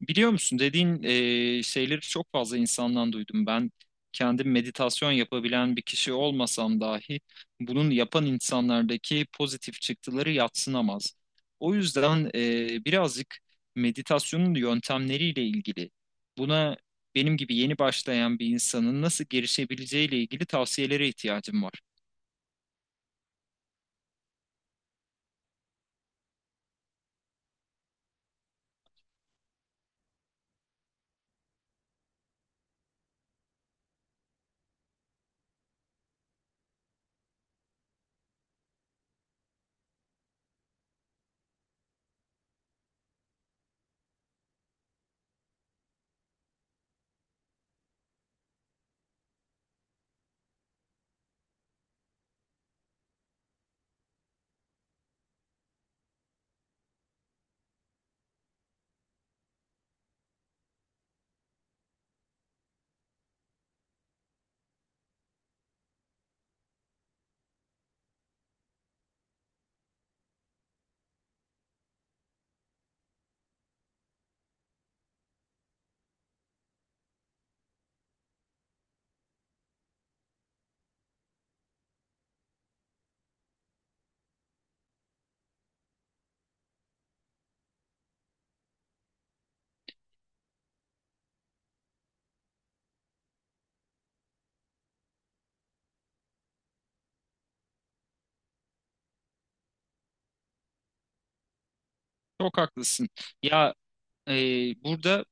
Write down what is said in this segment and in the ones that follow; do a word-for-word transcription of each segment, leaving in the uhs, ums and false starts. Biliyor musun dediğin e, şeyleri çok fazla insandan duydum. Ben kendim meditasyon yapabilen bir kişi olmasam dahi bunun yapan insanlardaki pozitif çıktıları yadsınamaz. O yüzden e, birazcık meditasyonun yöntemleriyle ilgili buna benim gibi yeni başlayan bir insanın nasıl girişebileceğiyle ilgili tavsiyelere ihtiyacım var. Çok haklısın. Ya, e, burada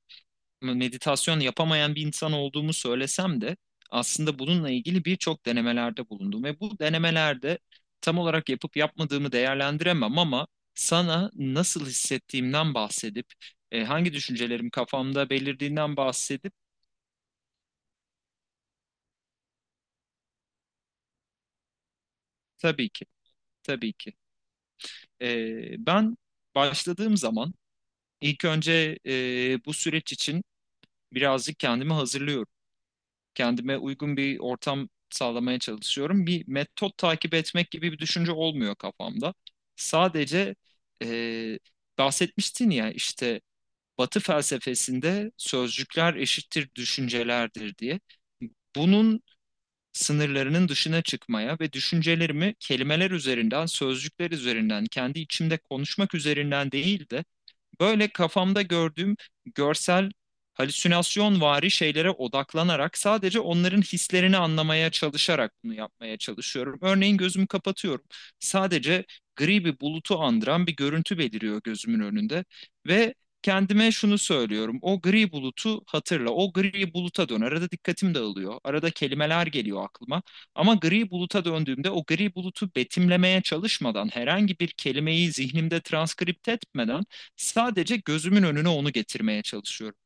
meditasyon yapamayan bir insan olduğumu söylesem de aslında bununla ilgili birçok denemelerde bulundum ve bu denemelerde tam olarak yapıp yapmadığımı değerlendiremem ama sana nasıl hissettiğimden bahsedip e, hangi düşüncelerim kafamda belirdiğinden bahsedip tabii ki tabii ki E, ben başladığım zaman ilk önce e, bu süreç için birazcık kendimi hazırlıyorum. Kendime uygun bir ortam sağlamaya çalışıyorum. Bir metot takip etmek gibi bir düşünce olmuyor kafamda. Sadece, e, bahsetmiştin ya işte, Batı felsefesinde sözcükler eşittir düşüncelerdir diye. Bunun sınırlarının dışına çıkmaya ve düşüncelerimi kelimeler üzerinden, sözcükler üzerinden, kendi içimde konuşmak üzerinden değil de böyle kafamda gördüğüm görsel halüsinasyon vari şeylere odaklanarak sadece onların hislerini anlamaya çalışarak bunu yapmaya çalışıyorum. Örneğin gözümü kapatıyorum. Sadece gri bir bulutu andıran bir görüntü beliriyor gözümün önünde ve kendime şunu söylüyorum. O gri bulutu hatırla. O gri buluta dön. Arada dikkatim dağılıyor. Arada kelimeler geliyor aklıma. Ama gri buluta döndüğümde o gri bulutu betimlemeye çalışmadan herhangi bir kelimeyi zihnimde transkripte etmeden sadece gözümün önüne onu getirmeye çalışıyorum.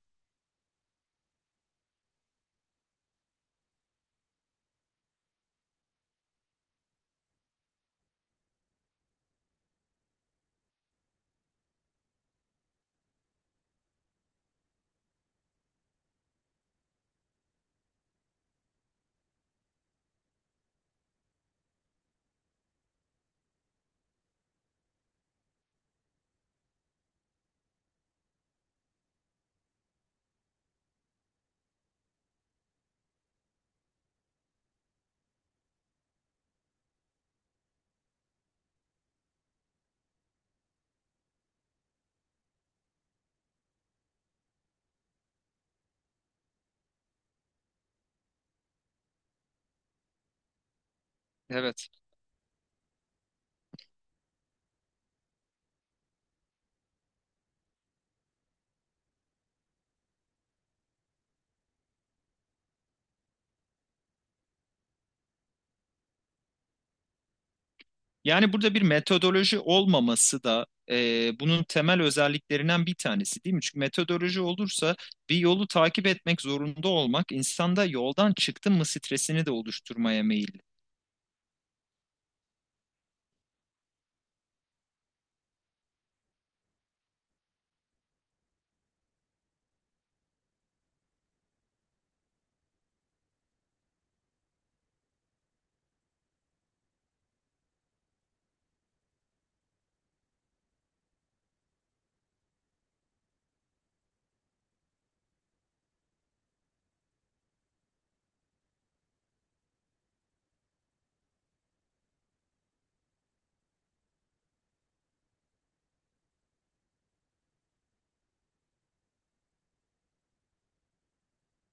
Evet. Yani burada bir metodoloji olmaması da, e, bunun temel özelliklerinden bir tanesi değil mi? Çünkü metodoloji olursa, bir yolu takip etmek zorunda olmak insanda yoldan çıktım mı stresini de oluşturmaya meyilli.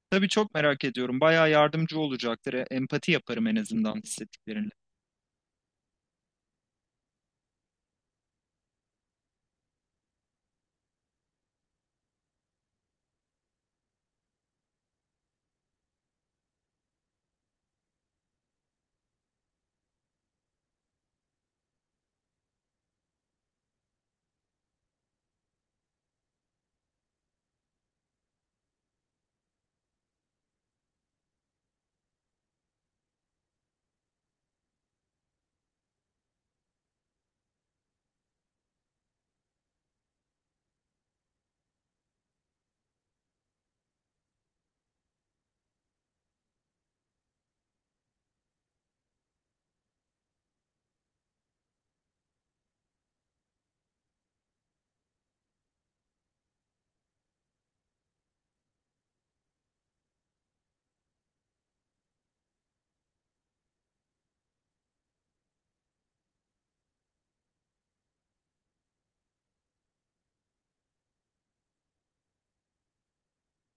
Tabii çok merak ediyorum. Bayağı yardımcı olacaktır. E, Empati yaparım en azından hissettiklerini.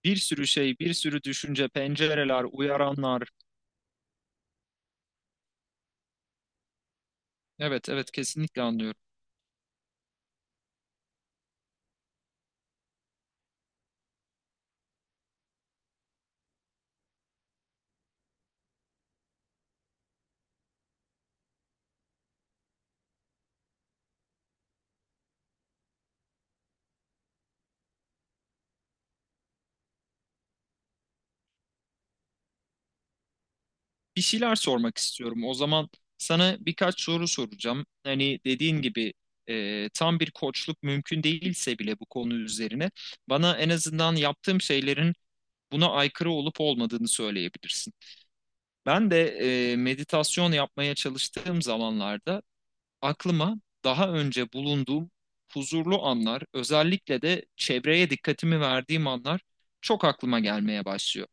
Bir sürü şey, bir sürü düşünce, pencereler, uyaranlar. Evet, evet, kesinlikle anlıyorum. Bir şeyler sormak istiyorum. O zaman sana birkaç soru soracağım. Hani dediğin gibi e, tam bir koçluk mümkün değilse bile bu konu üzerine bana en azından yaptığım şeylerin buna aykırı olup olmadığını söyleyebilirsin. Ben de e, meditasyon yapmaya çalıştığım zamanlarda aklıma daha önce bulunduğum huzurlu anlar, özellikle de çevreye dikkatimi verdiğim anlar çok aklıma gelmeye başlıyor.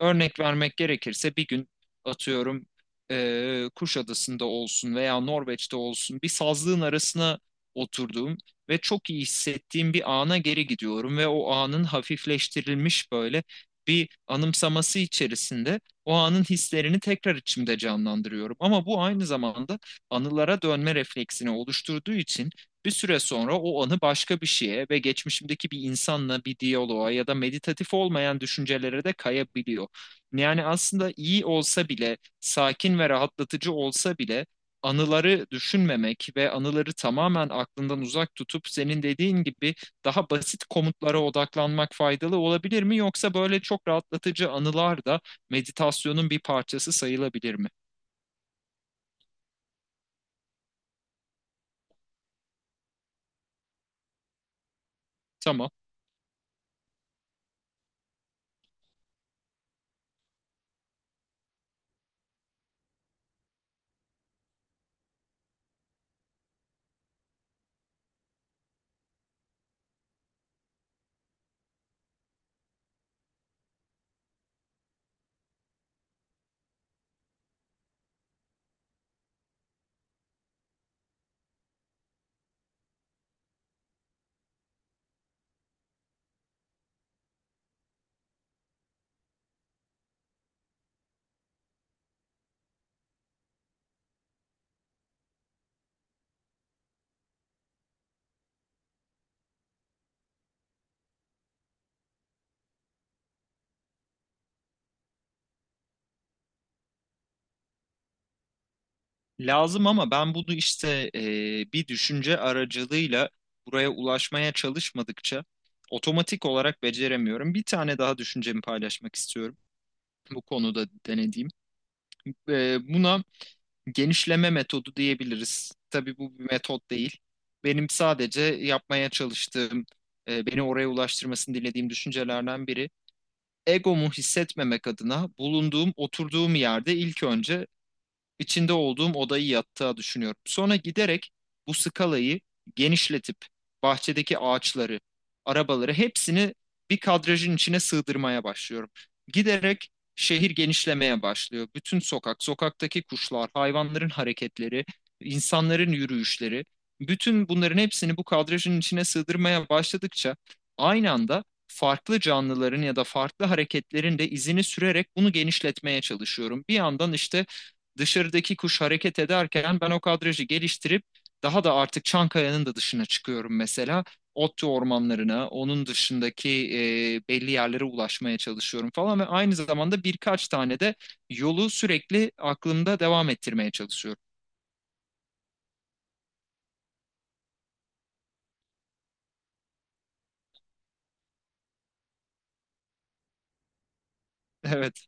Örnek vermek gerekirse bir gün, atıyorum, eee Kuşadası'nda olsun veya Norveç'te olsun bir sazlığın arasına oturduğum ve çok iyi hissettiğim bir ana geri gidiyorum ve o anın hafifleştirilmiş böyle bir anımsaması içerisinde o anın hislerini tekrar içimde canlandırıyorum. Ama bu aynı zamanda anılara dönme refleksini oluşturduğu için bir süre sonra o anı başka bir şeye ve geçmişimdeki bir insanla bir diyaloğa ya da meditatif olmayan düşüncelere de kayabiliyor. Yani aslında iyi olsa bile, sakin ve rahatlatıcı olsa bile, anıları düşünmemek ve anıları tamamen aklından uzak tutup senin dediğin gibi daha basit komutlara odaklanmak faydalı olabilir mi? Yoksa böyle çok rahatlatıcı anılar da meditasyonun bir parçası sayılabilir mi? Tamam. Lazım ama ben bunu işte eee, bir düşünce aracılığıyla buraya ulaşmaya çalışmadıkça otomatik olarak beceremiyorum. Bir tane daha düşüncemi paylaşmak istiyorum bu konuda denediğim. Ee, buna genişleme metodu diyebiliriz. Tabii bu bir metot değil. Benim sadece yapmaya çalıştığım, e, beni oraya ulaştırmasını dilediğim düşüncelerden biri. Egomu hissetmemek adına bulunduğum, oturduğum yerde ilk önce içinde olduğum odayı yattığa düşünüyorum. Sonra giderek bu skalayı genişletip bahçedeki ağaçları, arabaları, hepsini bir kadrajın içine sığdırmaya başlıyorum. Giderek şehir genişlemeye başlıyor. Bütün sokak, sokaktaki kuşlar, hayvanların hareketleri, insanların yürüyüşleri, bütün bunların hepsini bu kadrajın içine sığdırmaya başladıkça aynı anda farklı canlıların ya da farklı hareketlerin de izini sürerek bunu genişletmeye çalışıyorum. Bir yandan işte dışarıdaki kuş hareket ederken ben o kadrajı geliştirip daha da artık Çankaya'nın da dışına çıkıyorum mesela. Otlu ormanlarına, onun dışındaki e, belli yerlere ulaşmaya çalışıyorum falan ve aynı zamanda birkaç tane de yolu sürekli aklımda devam ettirmeye çalışıyorum. Evet,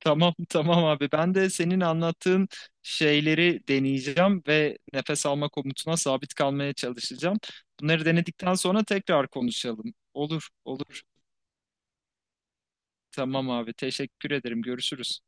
tamam, tamam abi. Ben de senin anlattığın şeyleri deneyeceğim ve nefes alma komutuna sabit kalmaya çalışacağım. Bunları denedikten sonra tekrar konuşalım. Olur, olur. Tamam abi, teşekkür ederim, görüşürüz.